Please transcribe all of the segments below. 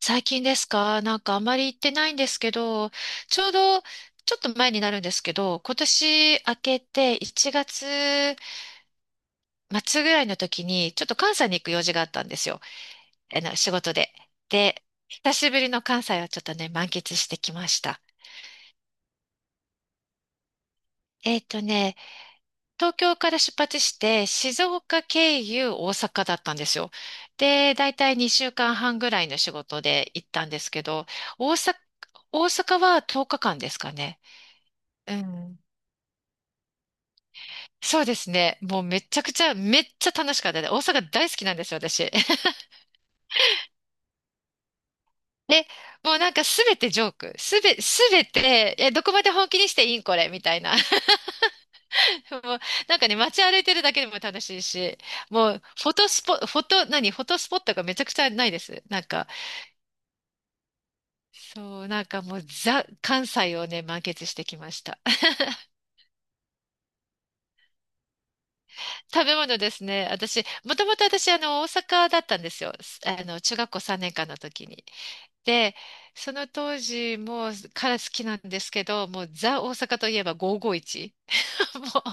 最近ですか？なんかあまり行ってないんですけど、ちょうどちょっと前になるんですけど、今年明けて1月末ぐらいの時に、ちょっと関西に行く用事があったんですよ。あの仕事で。で、久しぶりの関西をちょっとね、満喫してきました。えっとね、東京から出発して、静岡経由大阪だったんですよ。で、だいたい2週間半ぐらいの仕事で行ったんですけど、大阪、大阪は10日間ですかね。うん。そうですね。もうめっちゃ楽しかったです。大阪大好きなんですよ、私。で、もうなんかすべてジョーク。すべて、どこまで本気にしていいんこれ、みたいな。もう、なんかね、街歩いてるだけでも楽しいし、もう、フォトスポットがめちゃくちゃないです。なんか、そう、なんかもう、ザ、関西をね、満喫してきました。食べ物ですね。もともと私、大阪だったんですよ。中学校3年間の時に。で、その当時もから好きなんですけど、もうザ大阪といえば551。も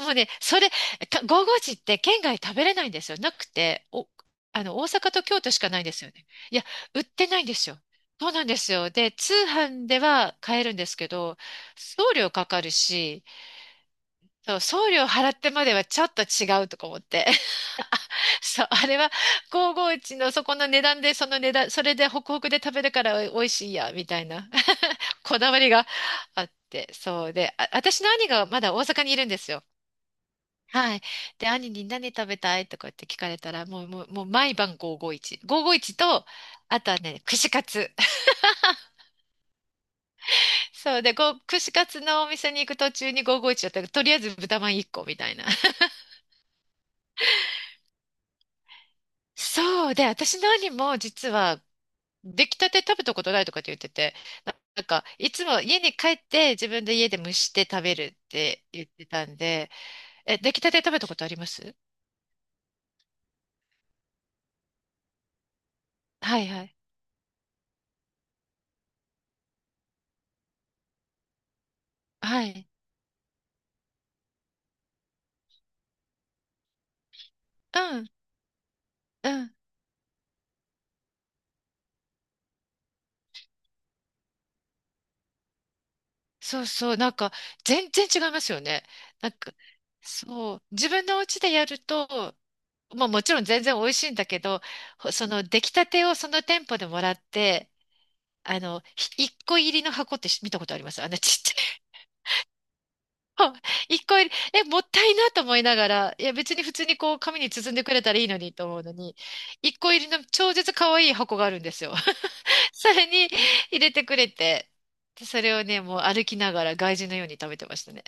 う、もうね、それ、か551って県外食べれないんですよ。なくて、お、あの、大阪と京都しかないんですよね。いや、売ってないんですよ。そうなんですよ。で、通販では買えるんですけど、送料かかるし、そう、送料払ってまではちょっと違うとか思って。そう、あれは551のそこの値段で、その値段、それでホクホクで食べるから美味しいや、みたいな。 こだわりがあって、そうで、私の兄がまだ大阪にいるんですよ。はい。で、兄に何食べたいとかって聞かれたら、もう、もう、もう毎晩551。551と、あとはね、串カツ。そうで、串カツのお店に行く途中に551だったら、とりあえず豚まん1個みたいな。そうで、私の兄も実は出来たて食べたことないとかって言ってて、なんか、いつも家に帰って自分で家で蒸して食べるって言ってたんで、え、出来たて食べたことあります？はいはい。はい。うん、うん。そうそう。なんか、全然違いますよね。なんか、そう。自分のお家でやると、まあもちろん全然美味しいんだけど、その出来たてをその店舗でもらって、一個入りの箱って見たことあります？あのちっちゃい。 一個入り、もったいなと思いながら、いや別に普通にこう紙に包んでくれたらいいのにと思うのに、一個入りの超絶可愛い箱があるんですよ。それに入れてくれて、でそれをね、もう歩きながら外人のように食べてましたね。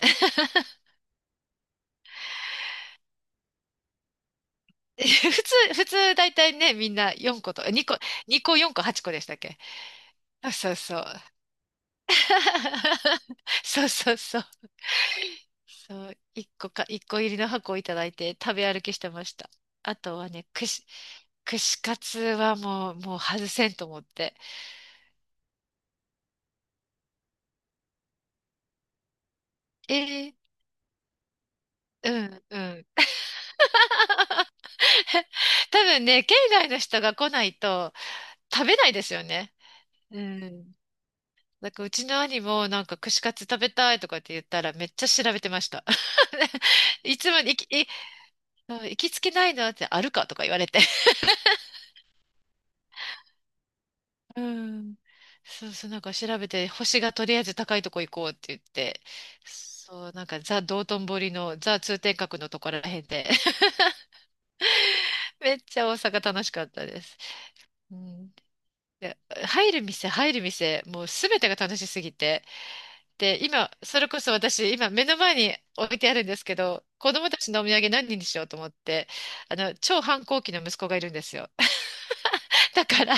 普普通大体ね、みんな4個と、2個、2個4個8個でしたっけ？あそうそう。そうそうそう。そう、1個か、1個入りの箱をいただいて食べ歩きしてました。あとはね、串カツはもう、もう外せんと思って。えーうんうん。多分ね、県外の人が来ないと食べないですよね。うん。だからうちの兄もなんか串カツ食べたいとかって言ったらめっちゃ調べてました。いつも行き、いうん、行きつけないのってあるかとか言われて。うん。そうそう、なんか調べて、星がとりあえず高いとこ行こうって言って、そう、なんかザ・道頓堀のザ・通天閣のところらへんで、めっちゃ大阪楽しかったです。うん、で、入る店、入る店、もうすべてが楽しすぎて。で、今、それこそ私、今目の前に置いてあるんですけど、子供たちのお土産何にしようと思って、超反抗期の息子がいるんですよ。だから、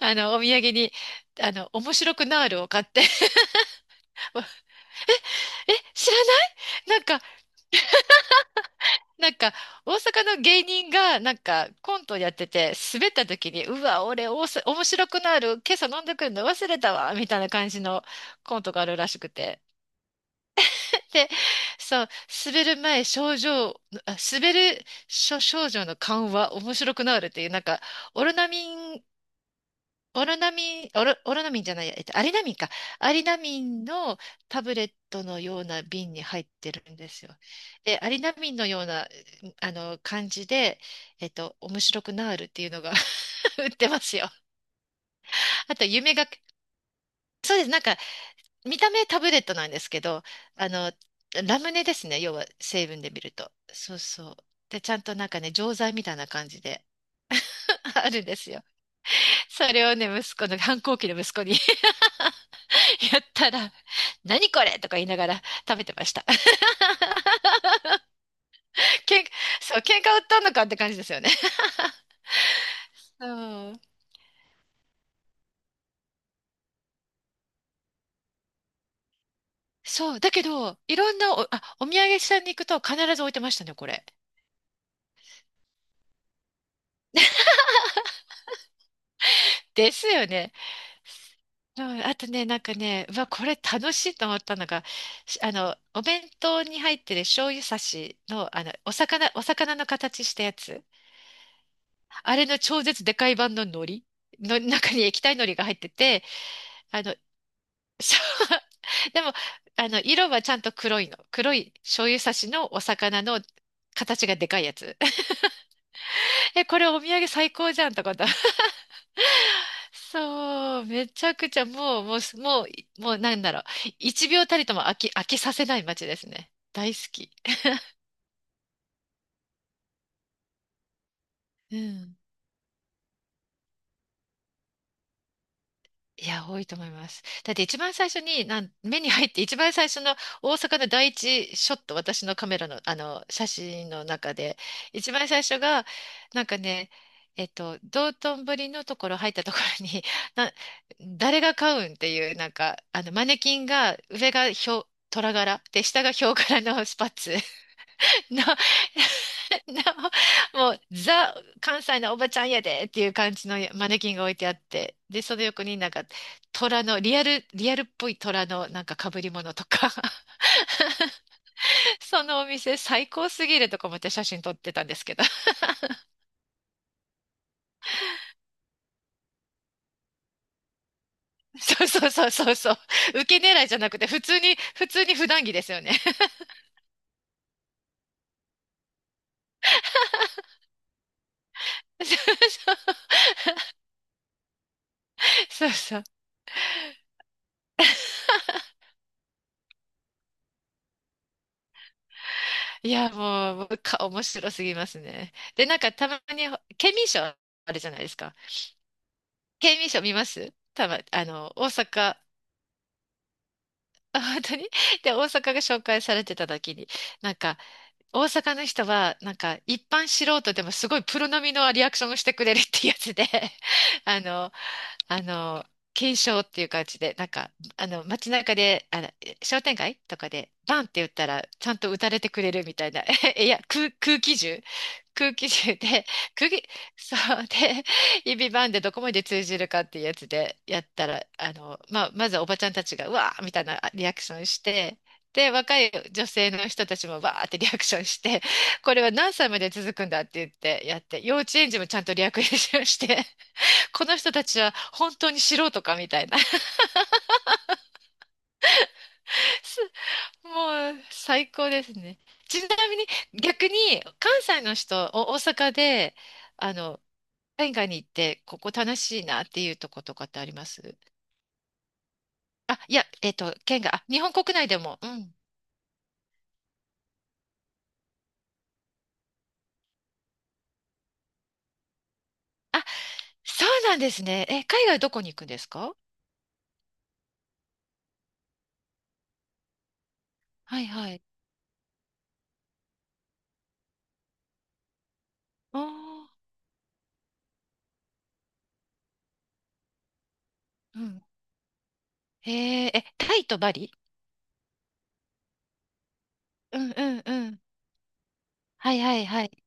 お土産に、面白くなーるを買って、え、知らない？なんか、大阪の芸人が、なんか、コントやってて、滑った時に、うわ、俺、面白くなる、今朝飲んでくるの忘れたわ、みたいな感じのコントがあるらしくて。で、そう、滑る前、症状、あ、滑る症、症状の緩和、面白くなるっていう、なんか、オロナミンオロナミンじゃないや、アリナミンか。アリナミンのタブレットのような瓶に入ってるんですよ。で、アリナミンのような、感じで、面白くなーるっていうのが 売ってますよ。あと、夢が、そうです。なんか、見た目タブレットなんですけど、あの、ラムネですね。要は、成分で見ると。そうそう。で、ちゃんとなんかね、錠剤みたいな感じで あるんですよ。それをね、息子の、反抗期の息子に やったら、何これとか言いながら食べてました。けん、そう、喧嘩売ったのかって感じですよね。うん。そう、だけど、いろんなお土産屋さんに行くと必ず置いてましたね、これ。ですよね。うんあとね、なんかね、うわ、これ楽しいと思ったのが、しあの、お弁当に入ってる醤油差しの、お魚の形したやつ。あれの超絶でかい版の海苔の中に液体海苔が入ってて、あの、そうでも、色はちゃんと黒いの。黒い醤油差しのお魚の形がでかいやつ。え、これお土産最高じゃんとかだ。そう、めちゃくちゃもう、もう、もう、もうなんだろう。一秒たりとも飽きさせない街ですね。大好き。うん。いや、多いと思います。だって一番最初に、目に入って一番最初の大阪の第一ショット、私のカメラの、写真の中で、一番最初が、なんかね、道頓堀のところ入ったところに、な、誰が買うんっていう、なんか、マネキンが、上がヒョウ、虎柄で、下がヒョウ柄のスパッツ の、なもう、ザ、関西のおばちゃんやでっていう感じのマネキンが置いてあって、で、その横になんか、虎の、リアルっぽい虎のなんか被り物とか、そのお店最高すぎるとか思って写真撮ってたんですけど。そうそうそうそうそう。受け狙いじゃなくて、普通に、普通に普段着ですよね。そうそう。そうそういや、もう、もう面白すぎますね。で、なんかたまに、県民賞あるじゃないですか。県民賞見ます？たま、あの、大阪、本当に。 で、大阪が紹介されてた時に、なんか、大阪の人は、なんか、一般素人でもすごいプロ並みのリアクションをしてくれるってやつで、あの、あの、検証っていう感じで、なんか、街中で、商店街とかで、バンって打ったら、ちゃんと打たれてくれるみたいな。いや、空気銃で、空気、そうで、指バンでどこまで通じるかっていうやつでやったら、まあ、まずはおばちゃんたちが、うわーみたいなリアクションして、で、若い女性の人たちもわーってリアクションして、これは何歳まで続くんだって言ってやって、幼稚園児もちゃんとリアクションして、この人たちは本当に素人かみたいな。すもう最高ですね。ちなみに逆に関西の人、大阪で、あの、県外に行って、ここ楽しいなっていうとことかってあります？いや、県外、日本国内でも。うん。あ、そうなんですね。え、海外どこに行くんですか？はいはい。おー、うん。へえ、え、タイとバリ？うんうんうん。はいはいはい。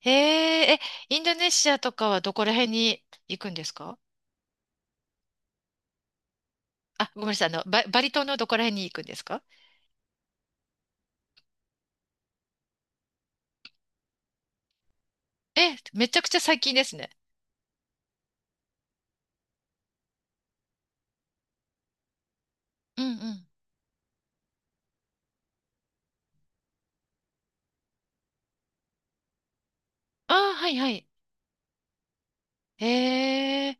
へえ、え、インドネシアとかはどこら辺に行くんですか？あ、ごめんなさい。バリ島のどこら辺に行くんですか？え、めちゃくちゃ最近ですね。うんうん。ああ、はいはい。ええ、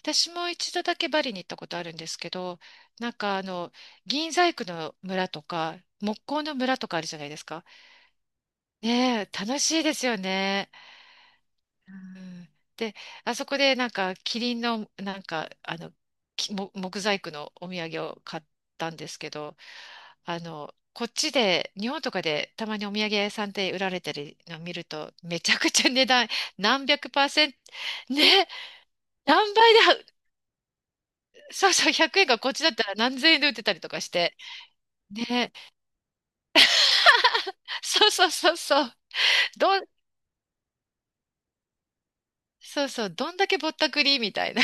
私も一度だけバリに行ったことあるんですけど、なんか銀細工の村とか、木工の村とかあるじゃないですか。ねえ、楽しいですよね。うんで、あそこでなんかキリンのなんかあのきも木細工のお土産を買ったんですけど、こっちで日本とかでたまにお土産屋さんで売られてるのを見るとめちゃくちゃ値段何百%ね何倍だそうそう100円がこっちだったら何千円で売ってたりとかしてねそうそうそうそうどんそうそうどんだけぼったくりみたいな。